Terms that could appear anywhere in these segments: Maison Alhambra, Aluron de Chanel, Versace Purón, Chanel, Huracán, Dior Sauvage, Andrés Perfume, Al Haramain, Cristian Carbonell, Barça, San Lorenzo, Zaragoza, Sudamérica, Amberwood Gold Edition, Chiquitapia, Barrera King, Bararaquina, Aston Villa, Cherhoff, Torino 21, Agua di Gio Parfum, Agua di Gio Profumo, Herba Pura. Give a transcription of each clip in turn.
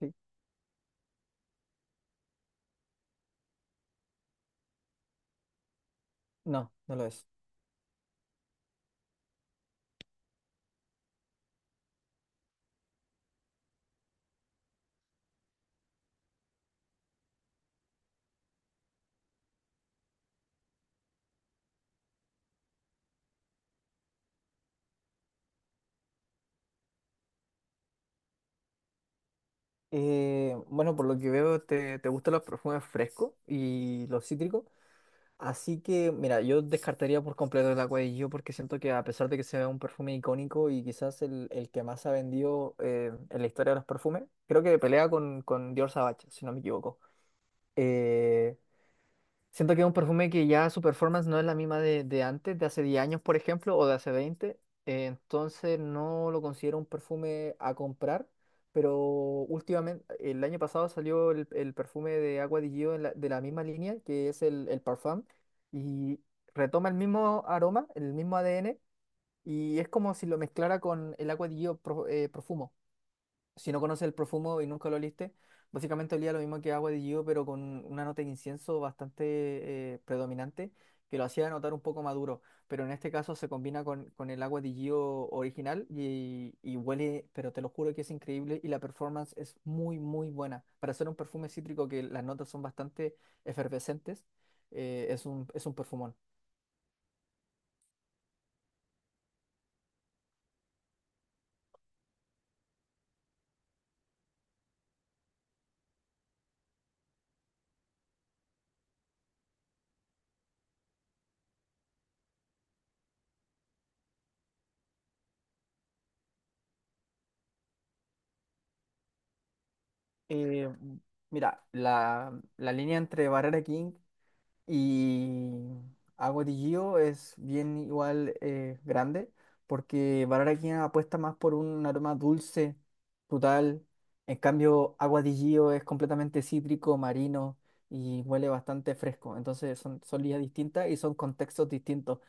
Sí. No, no lo es. Bueno, por lo que veo, te gustan los perfumes frescos y los cítricos. Así que, mira, yo descartaría por completo el Agua de Gio porque siento que a pesar de que sea un perfume icónico y quizás el que más ha vendido en la historia de los perfumes, creo que pelea con Dior Sauvage, si no me equivoco. Eh, Siento que es un perfume que ya su performance no es la misma de antes, de hace 10 años, por ejemplo, o de hace veinte, entonces no lo considero un perfume a comprar, pero últimamente, el año pasado salió el perfume de Agua di Gio en de la misma línea, que es el Parfum, y retoma el mismo aroma, el mismo ADN, y es como si lo mezclara con el Agua di Gio Profumo. Si no conoces el profumo y nunca lo oliste, básicamente olía lo mismo que agua de Gio, pero con una nota de incienso bastante predominante, que lo hacía notar un poco maduro. Pero en este caso se combina con el agua de Gio original y huele, pero te lo juro que es increíble y la performance es muy, muy buena. Para ser un perfume cítrico que las notas son bastante efervescentes, es un perfumón. Eh, Mira, la línea entre Barrera King y Agua de Gio es bien igual grande, porque Bararaquina apuesta más por un aroma dulce, frutal. En cambio, Agua de Gio es completamente cítrico, marino, y huele bastante fresco. Entonces son, son líneas distintas y son contextos distintos.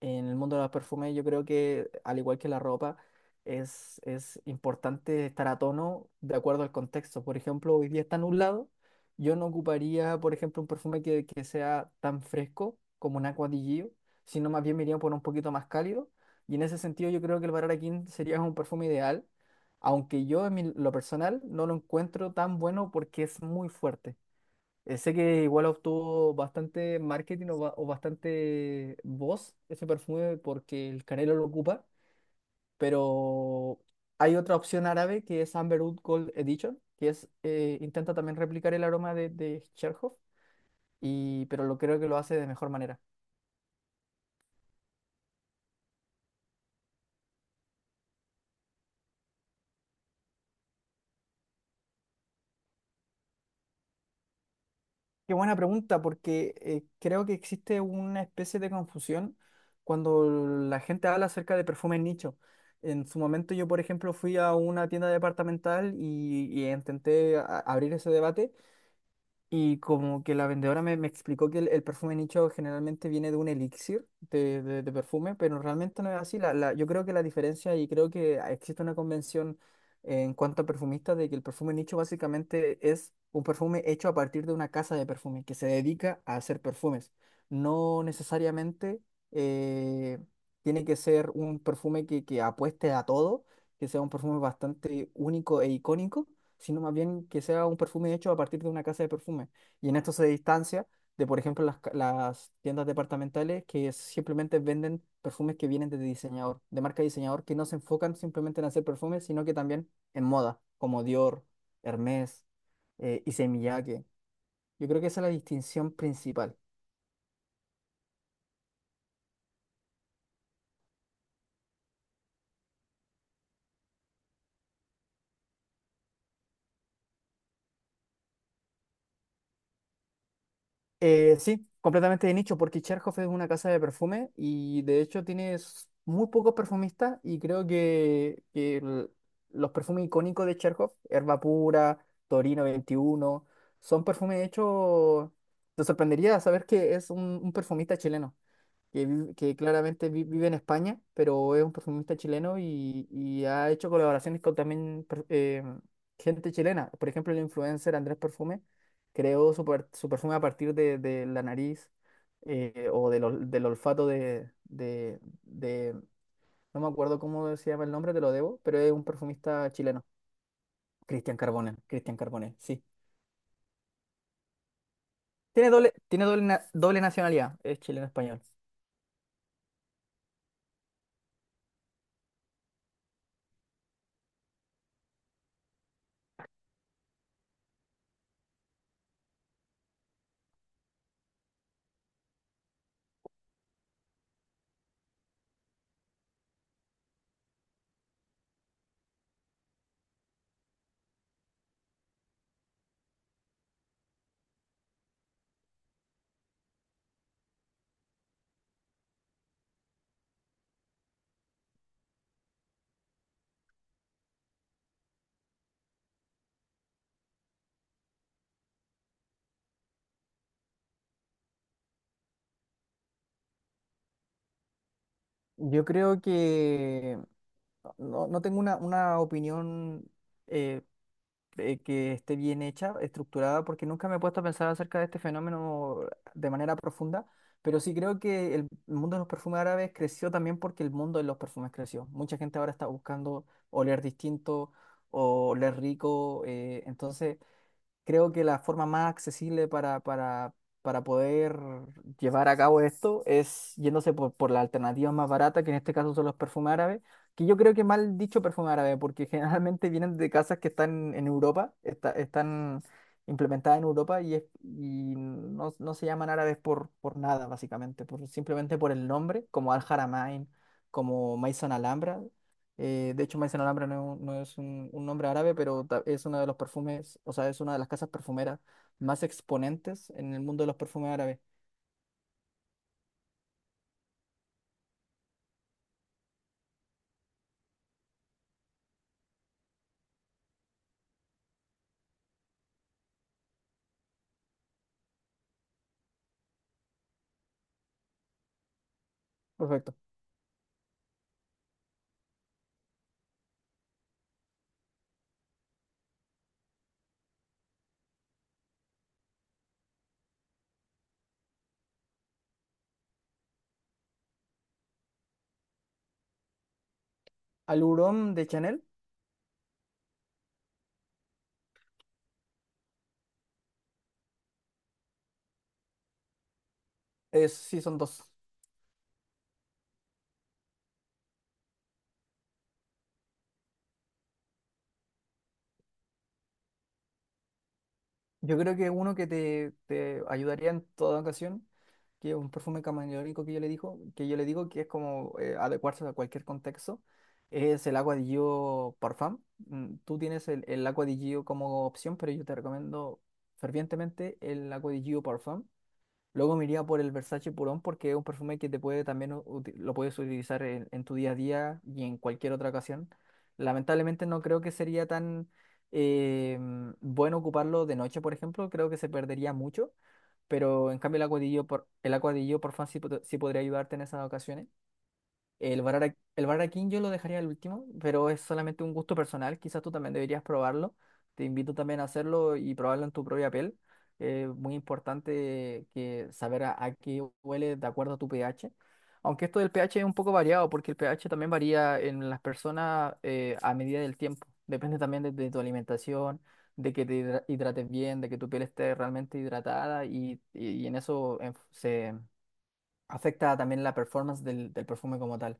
En el mundo de los perfumes yo creo que, al igual que la ropa, es importante estar a tono de acuerdo al contexto. Por ejemplo, hoy día está nublado, yo no ocuparía, por ejemplo, un perfume que sea tan fresco como un Acqua di Gio, sino más bien me iría por un poquito más cálido. Y en ese sentido yo creo que el Bararaquín sería un perfume ideal, aunque yo en lo personal no lo encuentro tan bueno porque es muy fuerte. Sé que igual obtuvo bastante marketing o, o bastante voz ese perfume porque el Canelo lo ocupa, pero hay otra opción árabe que es Amberwood Gold Edition, que es, intenta también replicar el aroma de Cherhoff, y, pero lo creo que lo hace de mejor manera. Qué buena pregunta, porque creo que existe una especie de confusión cuando la gente habla acerca de perfumes nicho. En su momento yo, por ejemplo, fui a una tienda departamental y intenté abrir ese debate. Y como que la vendedora me, me explicó que el perfume nicho generalmente viene de un elixir de perfume, pero realmente no es así. Yo creo que la diferencia, y creo que existe una convención en cuanto a perfumistas, de que el perfume nicho básicamente es un perfume hecho a partir de una casa de perfume que se dedica a hacer perfumes. No necesariamente eh, tiene que ser un perfume que apueste a todo, que sea un perfume bastante único e icónico, sino más bien que sea un perfume hecho a partir de una casa de perfume. Y en esto se distancia de, por ejemplo, las, las tiendas departamentales que simplemente venden perfumes que vienen de diseñador, de marca de diseñador, que no se enfocan simplemente en hacer perfumes, sino que también en moda, como Dior, Hermès, Issey Miyake. Yo creo que esa es la distinción principal. Sí, completamente de nicho, porque Cherhoff es una casa de perfume y de hecho tienes muy pocos perfumistas y creo que los perfumes icónicos de Cherhoff, Herba Pura, Torino 21, son perfumes hechos... Te sorprendería saber que es un perfumista chileno que, que claramente vive en España, pero es un perfumista chileno y ha hecho colaboraciones con también gente chilena. Por ejemplo, el influencer Andrés Perfume creó su, su perfume a partir de la nariz, o del, del olfato no me acuerdo cómo se llama el nombre, te lo debo, pero es un perfumista chileno. Cristian Carbonell, Cristian Carbonell, sí. Tiene doble, doble nacionalidad, es chileno-español. Yo creo que no, no tengo una opinión, eh, que esté bien hecha, estructurada, porque nunca me he puesto a pensar acerca de este fenómeno de manera profunda, pero sí creo que el mundo de los perfumes árabes creció también porque el mundo de los perfumes creció. Mucha gente ahora está buscando oler distinto o oler rico, entonces creo que la forma más accesible para poder llevar a cabo esto es yéndose por la alternativa más barata que en este caso son los perfumes árabes, que yo creo que mal dicho perfume árabe, porque generalmente vienen de casas que están en Europa, están implementadas en Europa y, y no, no se llaman árabes por nada, básicamente, por, simplemente por el nombre, como Al Haramain, como Maison Alhambra, de hecho, Maison Alhambra no, es un un nombre árabe, pero es una de los perfumes, o sea, es una de las casas perfumeras más exponentes en el mundo de los perfumes árabes. Perfecto. Aluron de Chanel, es, sí, son dos. Yo creo que uno que te ayudaría en toda ocasión, que es un perfume camaleónico que yo le digo, que yo le digo que es como adecuarse a cualquier contexto, es el Agua di Gio Parfum. Mm, tú tienes el Agua di Gio como opción, pero yo te recomiendo fervientemente el Agua di Gio Parfum. Luego me iría por el Versace Purón porque es un perfume que te puede también lo puedes utilizar en tu día a día y en cualquier otra ocasión. Lamentablemente no creo que sería tan eh, bueno ocuparlo de noche, por ejemplo. Creo que se perdería mucho. Pero en cambio el acuadillo el acuadillo por fan sí, sí podría ayudarte en esas ocasiones. El Barara King yo lo dejaría al último, pero es solamente un gusto personal. Quizás tú también deberías probarlo. Te invito también a hacerlo y probarlo en tu propia piel. Muy importante que saber a qué huele de acuerdo a tu pH. Aunque esto del pH es un poco variado, porque el pH también varía en las personas, a medida del tiempo. Depende también de tu alimentación, de que te hidrates bien, de que tu piel esté realmente hidratada y, y en eso, se afecta también la performance del perfume como tal.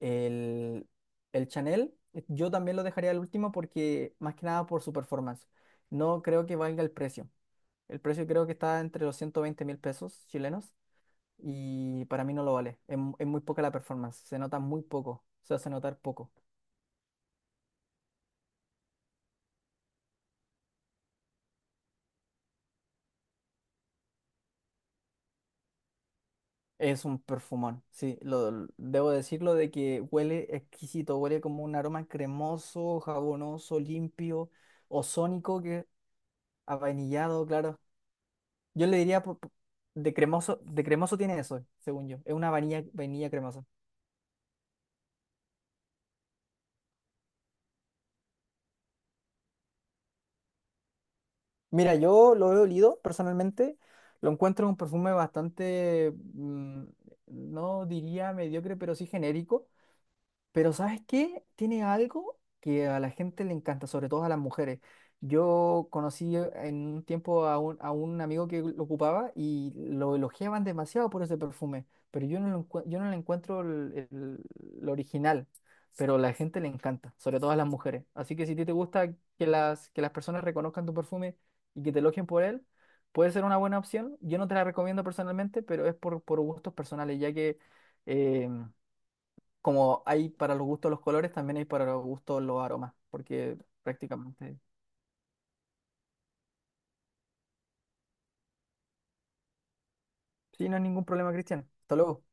El, el Chanel, yo también lo dejaría al último porque, más que nada, por su performance. No creo que valga el precio. El precio creo que está entre los 120.000 pesos chilenos, y para mí no lo vale. Es, es muy poca la performance. Se nota muy poco. Se hace notar poco. Es un perfumón. Sí, debo decirlo de que huele exquisito. Huele como un aroma cremoso, jabonoso, limpio, ozónico, que, a vainillado claro. Yo le diría de cremoso tiene eso, según yo. Es una vainilla, vainilla cremosa. Mira, yo lo he olido personalmente. Lo encuentro un perfume bastante, mm, no diría mediocre, pero sí genérico. Pero ¿sabes qué? Tiene algo que a la gente le encanta, sobre todo a las mujeres. Yo conocí en un tiempo a un amigo que lo ocupaba y lo elogiaban demasiado por ese perfume, pero yo no lo, yo no le encuentro lo original, pero a la gente le encanta, sobre todo a las mujeres. Así que si a ti te gusta que las personas reconozcan tu perfume y que te elogien por él, puede ser una buena opción. Yo no te la recomiendo personalmente, pero es por gustos personales, ya que... eh, como hay para los gustos los colores, también hay para los gustos los aromas, porque prácticamente, sí, no hay ningún problema, Cristian. Hasta luego.